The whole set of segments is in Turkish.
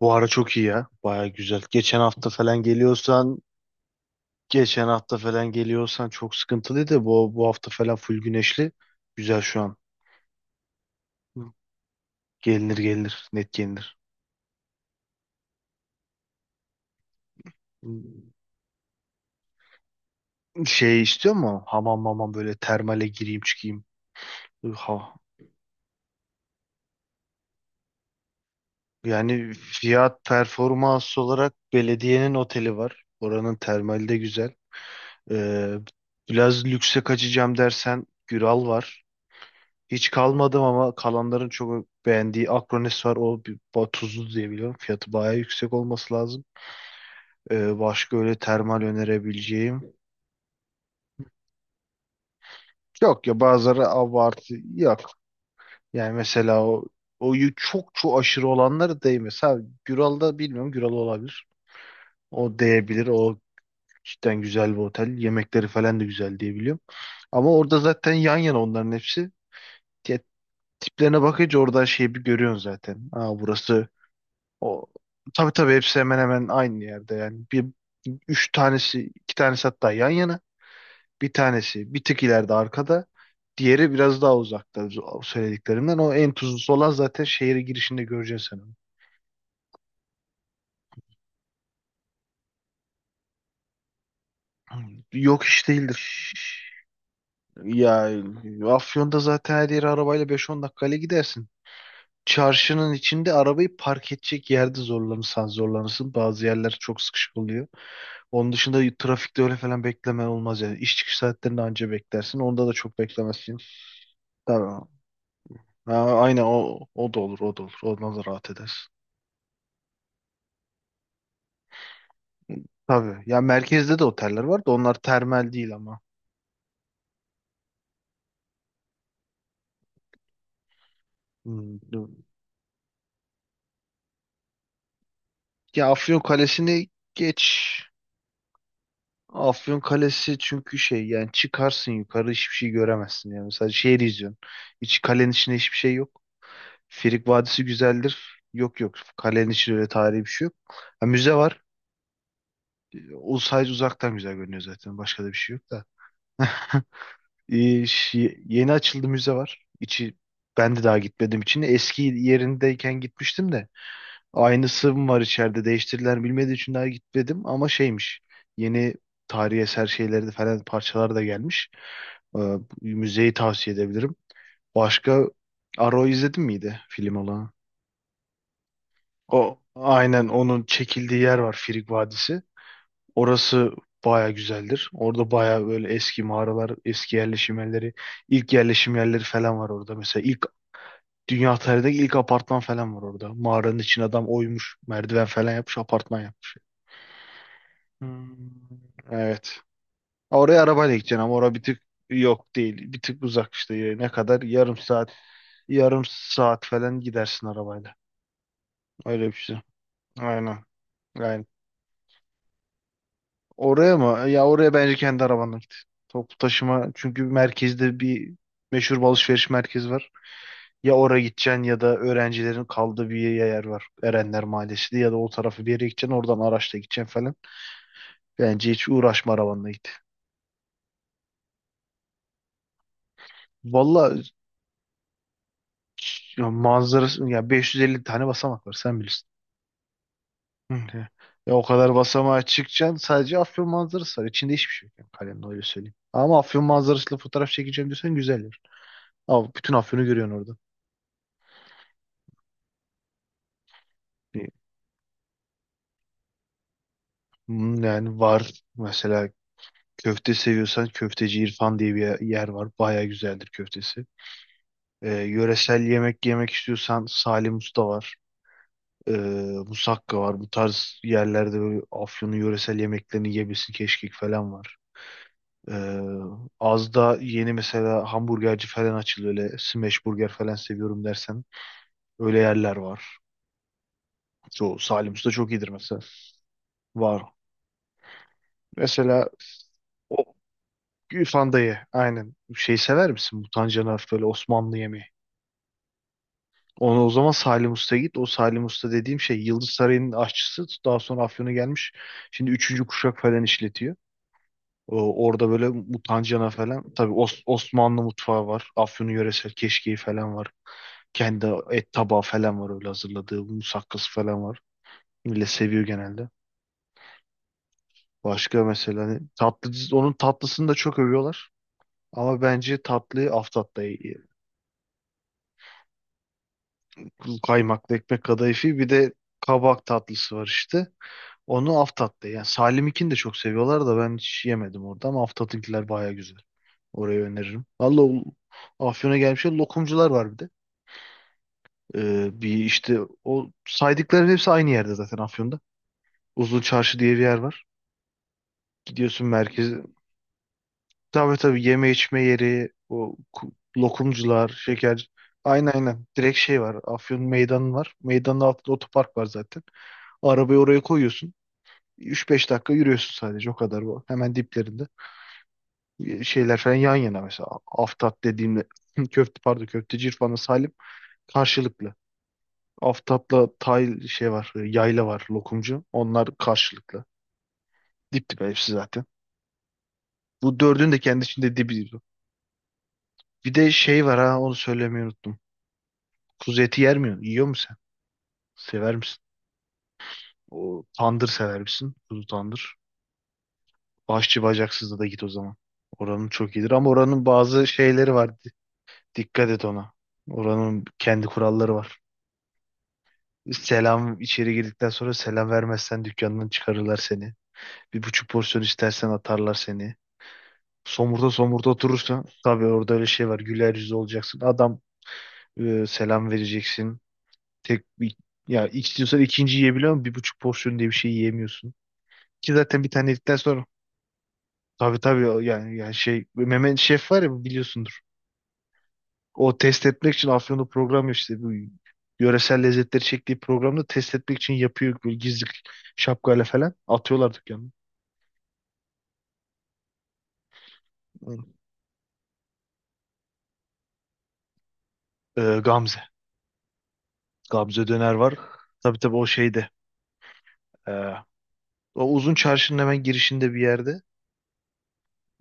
Bu ara çok iyi ya. Baya güzel. Geçen hafta falan geliyorsan, geçen hafta falan geliyorsan çok sıkıntılıydı. Bu hafta falan full güneşli. Güzel şu an. Gelinir gelinir. Net gelinir. Şey istiyor mu? Hamam mamam böyle termale gireyim çıkayım. Ha. Yani fiyat performans olarak belediyenin oteli var. Oranın termali de güzel. Ee, Biraz lükse kaçacağım dersen Güral var. Hiç kalmadım ama kalanların çok beğendiği Akronis var. O bir, tuzlu diye biliyorum. Fiyatı bayağı yüksek olması lazım. Başka öyle termal önerebileceğim. Yok ya bazıları abartı yok. Yani mesela çok çok aşırı olanları değmez. Ha, Güral'da bilmiyorum, Güral olabilir. O değebilir. O cidden güzel bir otel. Yemekleri falan da güzel diye biliyorum. Ama orada zaten yan yana onların hepsi. Ya, tiplerine bakınca oradan şeyi bir görüyorsun zaten. Aa, burası. O, tabii tabii hepsi hemen hemen aynı yerde yani. Bir üç tanesi, iki tanesi hatta yan yana. Bir tanesi bir tık ileride arkada. Diğeri biraz daha uzakta o söylediklerimden. O en tuzlusu olan zaten şehre girişinde göreceksin sen onu. Yok iş değildir. Ya, Afyon'da zaten her yere arabayla beş on dakikayla gidersin. Çarşının içinde arabayı park edecek yerde zorlanırsan zorlanırsın. Bazı yerler çok sıkışık oluyor. Onun dışında trafikte öyle falan beklemen olmaz yani. İş çıkış saatlerinde anca beklersin. Onda da çok beklemezsin. Tabii. Ha, aynen, o, o da olur, o da olur. Ondan da rahat edersin. Tabii. Ya merkezde de oteller var da onlar termal değil ama. Hmm, dur. Ya Afyon Kalesi'ni geç. Afyon Kalesi çünkü şey yani, çıkarsın yukarı hiçbir şey göremezsin yani. Mesela şehri izliyorsun. Hiç kalenin içinde hiçbir şey yok. Frig Vadisi güzeldir. Yok yok. Kalenin içinde öyle tarihi bir şey yok. Ha, müze var. O sadece uzaktan güzel görünüyor zaten. Başka da bir şey yok da. Ee, Yeni açıldı müze var. İçi ben de daha gitmedim için. Eski yerindeyken gitmiştim de. Aynısı mı var içeride değiştirilen bilmediği için daha gitmedim ama şeymiş. Yeni tarihi eser şeyleri de falan parçalar da gelmiş. Bu müzeyi tavsiye edebilirim. Başka Arrow izledin miydi, film olan? O aynen onun çekildiği yer var, Frig Vadisi. Orası baya güzeldir. Orada baya böyle eski mağaralar, eski yerleşim yerleri, ilk yerleşim yerleri falan var orada. Mesela ilk dünya tarihindeki ilk apartman falan var orada. Mağaranın için adam oymuş, merdiven falan yapmış, apartman yapmış. Hmm, evet. Oraya arabayla gideceksin ama oraya bir tık yok değil. Bir tık uzak işte. Ne kadar? Yarım saat, yarım saat falan gidersin arabayla. Öyle bir şey. Aynen. Aynen. Oraya mı? Ya oraya bence kendi arabanla git. Toplu taşıma çünkü merkezde bir meşhur bir alışveriş merkezi var. Ya oraya gideceksin ya da öğrencilerin kaldığı bir yer var. Erenler Mahallesi diye, ya da o tarafı bir yere gideceksin, oradan araçla gideceksin falan. Bence hiç uğraşma, arabanla git. Valla ya manzarası ya 550 tane basamak var, sen bilirsin. Hı hı. Ya o kadar basamağa çıkacaksın, sadece Afyon manzarası var. İçinde hiçbir şey yok yani, kalemle öyle söyleyeyim. Ama Afyon manzarasıyla fotoğraf çekeceğim diyorsan güzel yer. Ama bütün Afyon'u görüyorsun orada. Hmm, yani var mesela, seviyorsan köfteci İrfan diye bir yer var. Baya güzeldir köftesi. Yöresel yemek yemek istiyorsan Salim Usta var. Ee, Musakka var. Bu tarz yerlerde böyle Afyon'un yöresel yemeklerini yiyebilirsin. Keşkek falan var. Ee, Az da yeni mesela hamburgerci falan açıldı. Öyle smash burger falan seviyorum dersen öyle yerler var. Çoğu Salim Usta çok iyidir mesela. Var. Mesela Fandayı aynen. Şey sever misin? Mutancanaf böyle Osmanlı yemeği. Onu o zaman Salim Usta'ya git. O Salim Usta dediğim şey Yıldız Sarayı'nın aşçısı. Daha sonra Afyon'a gelmiş. Şimdi üçüncü kuşak falan işletiyor. O, orada böyle mutancana falan. Tabii Osmanlı mutfağı var. Afyon'un yöresel keşkeği falan var. Kendi et tabağı falan var öyle hazırladığı. Musakkası falan var. Millet seviyor genelde. Başka mesela hani tatlı, onun tatlısını da çok övüyorlar. Ama bence tatlıyı Aftat'ta. Kaymaklı ekmek kadayıfı bir de kabak tatlısı var işte. Onu Aftat'ta yani, Salim'inkini de çok seviyorlar da ben hiç yemedim orada, ama Aftat'ınkiler baya güzel. Orayı öneririm. Valla o Afyon'a gelmiş lokumcular var bir de. Bir işte o saydıkların hepsi aynı yerde zaten Afyon'da. Uzun Çarşı diye bir yer var. Gidiyorsun merkeze. Tabii tabii, yeme içme yeri, o lokumcular, şeker. Aynen aynen. Direkt şey var. Afyon meydanı var. Meydanın altında otopark var zaten. Arabayı oraya koyuyorsun. Üç beş dakika yürüyorsun sadece, o kadar bu. Hemen diplerinde. E, şeyler falan yan yana mesela. Aftap dediğimde köfte pardon, köfteci İrfan'la Salim karşılıklı. Aftap'la tay şey var, e, yayla var lokumcu. Onlar karşılıklı. Dip dibe hepsi zaten. Bu dördünün de kendi içinde dibi. Bir de şey var, ha, onu söylemeyi unuttum. Kuzu eti yer mi? Yiyor musun sen? Sever misin? O tandır sever misin? Kuzu tandır. Başçı bacaksızda da git o zaman. Oranın çok iyidir ama oranın bazı şeyleri var. Dikkat et ona. Oranın kendi kuralları var. Selam, içeri girdikten sonra selam vermezsen dükkandan çıkarırlar seni. Bir buçuk porsiyon istersen atarlar seni. Somurda somurda oturursan tabii orada öyle şey var. Güler yüzlü olacaksın. Adam, selam vereceksin. Tek bir- Ya istiyorsan ikinci yiyebiliyor ama bir buçuk porsiyon diye bir şey yiyemiyorsun. Ki zaten bir tane yedikten sonra, tabii tabii yani, yani şey, Mehmet Şef var ya, biliyorsundur. O test etmek için Afyon'da program işte bu yöresel lezzetleri çektiği programda test etmek için yapıyor, böyle gizli şapkayla falan atıyorlar dükkanı. Gamze. Gamze döner var. Tabii tabii o şeyde. ee, O uzun çarşının hemen girişinde bir yerde.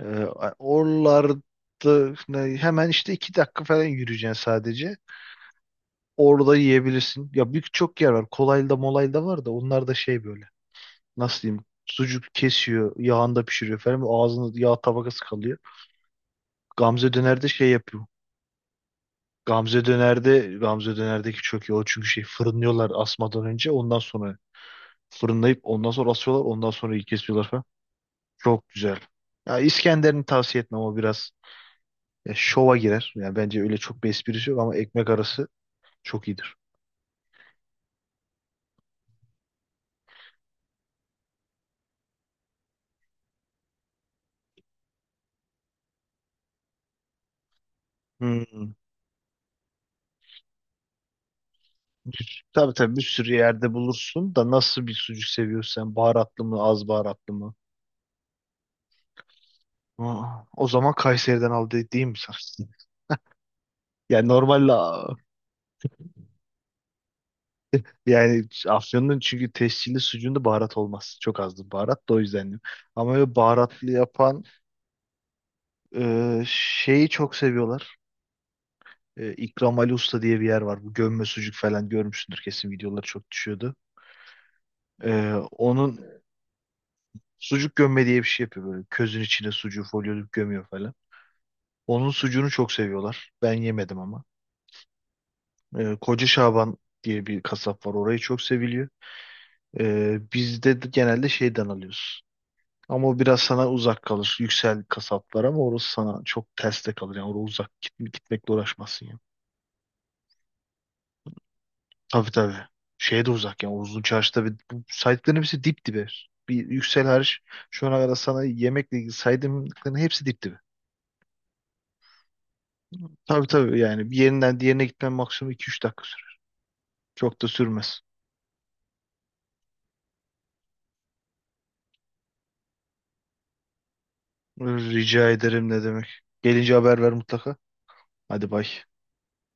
Ee, Oralarda hemen işte iki dakika falan yürüyeceksin sadece. Orada yiyebilirsin. Ya büyük çok yer var. Kolaylı molaylı da var da onlar da şey böyle. Nasıl diyeyim? Sucuk kesiyor, yağında pişiriyor falan. Ağzında yağ tabakası kalıyor. Gamze Döner'de şey yapıyor. Gamze Döner'deki çok iyi. O çünkü şey, fırınlıyorlar asmadan önce, ondan sonra fırınlayıp ondan sonra asıyorlar, ondan sonra iyi kesiyorlar falan. Çok güzel. Ya İskender'ini tavsiye etmem, o biraz, ya şova girer. Yani bence öyle çok bir esprisi yok ama ekmek arası çok iyidir. Hmm. Tabii tabii bir sürü yerde bulursun da nasıl bir sucuk seviyorsun sen? Baharatlı mı, az baharatlı mı? Aa, o zaman Kayseri'den aldı değil mi sen? Yani normalde yani Afyon'un çünkü tescilli sucuğunda baharat olmaz. Çok azdır baharat da, o yüzden diyorum. Ama böyle baharatlı yapan şeyi çok seviyorlar. E, İkram Ali Usta diye bir yer var. Bu gömme sucuk falan görmüşsündür kesin, videoları çok düşüyordu. E, onun sucuk gömme diye bir şey yapıyor böyle. Közün içine sucuğu folyolup gömüyor falan. Onun sucuğunu çok seviyorlar. Ben yemedim ama. E, Koca Şaban diye bir kasap var. Orayı çok seviliyor. Biz de genelde şeyden alıyoruz. Ama o biraz sana uzak kalır. Yüksel kasaplar ama orası sana çok ters de kalır. Yani oraya uzak gitmekle uğraşmazsın yani. Tabii tabii. Şeye de uzak yani. O Uzun çarşıda bir, bu saydıkların hepsi dip dibe. Bir yüksel hariç şu ana kadar sana yemekle ilgili saydığımların hepsi dip dibe. Tabii tabii yani, bir yerinden diğerine gitmen maksimum iki üç dakika sürer. Çok da sürmez. Rica ederim, ne demek. Gelince haber ver mutlaka. Hadi bay.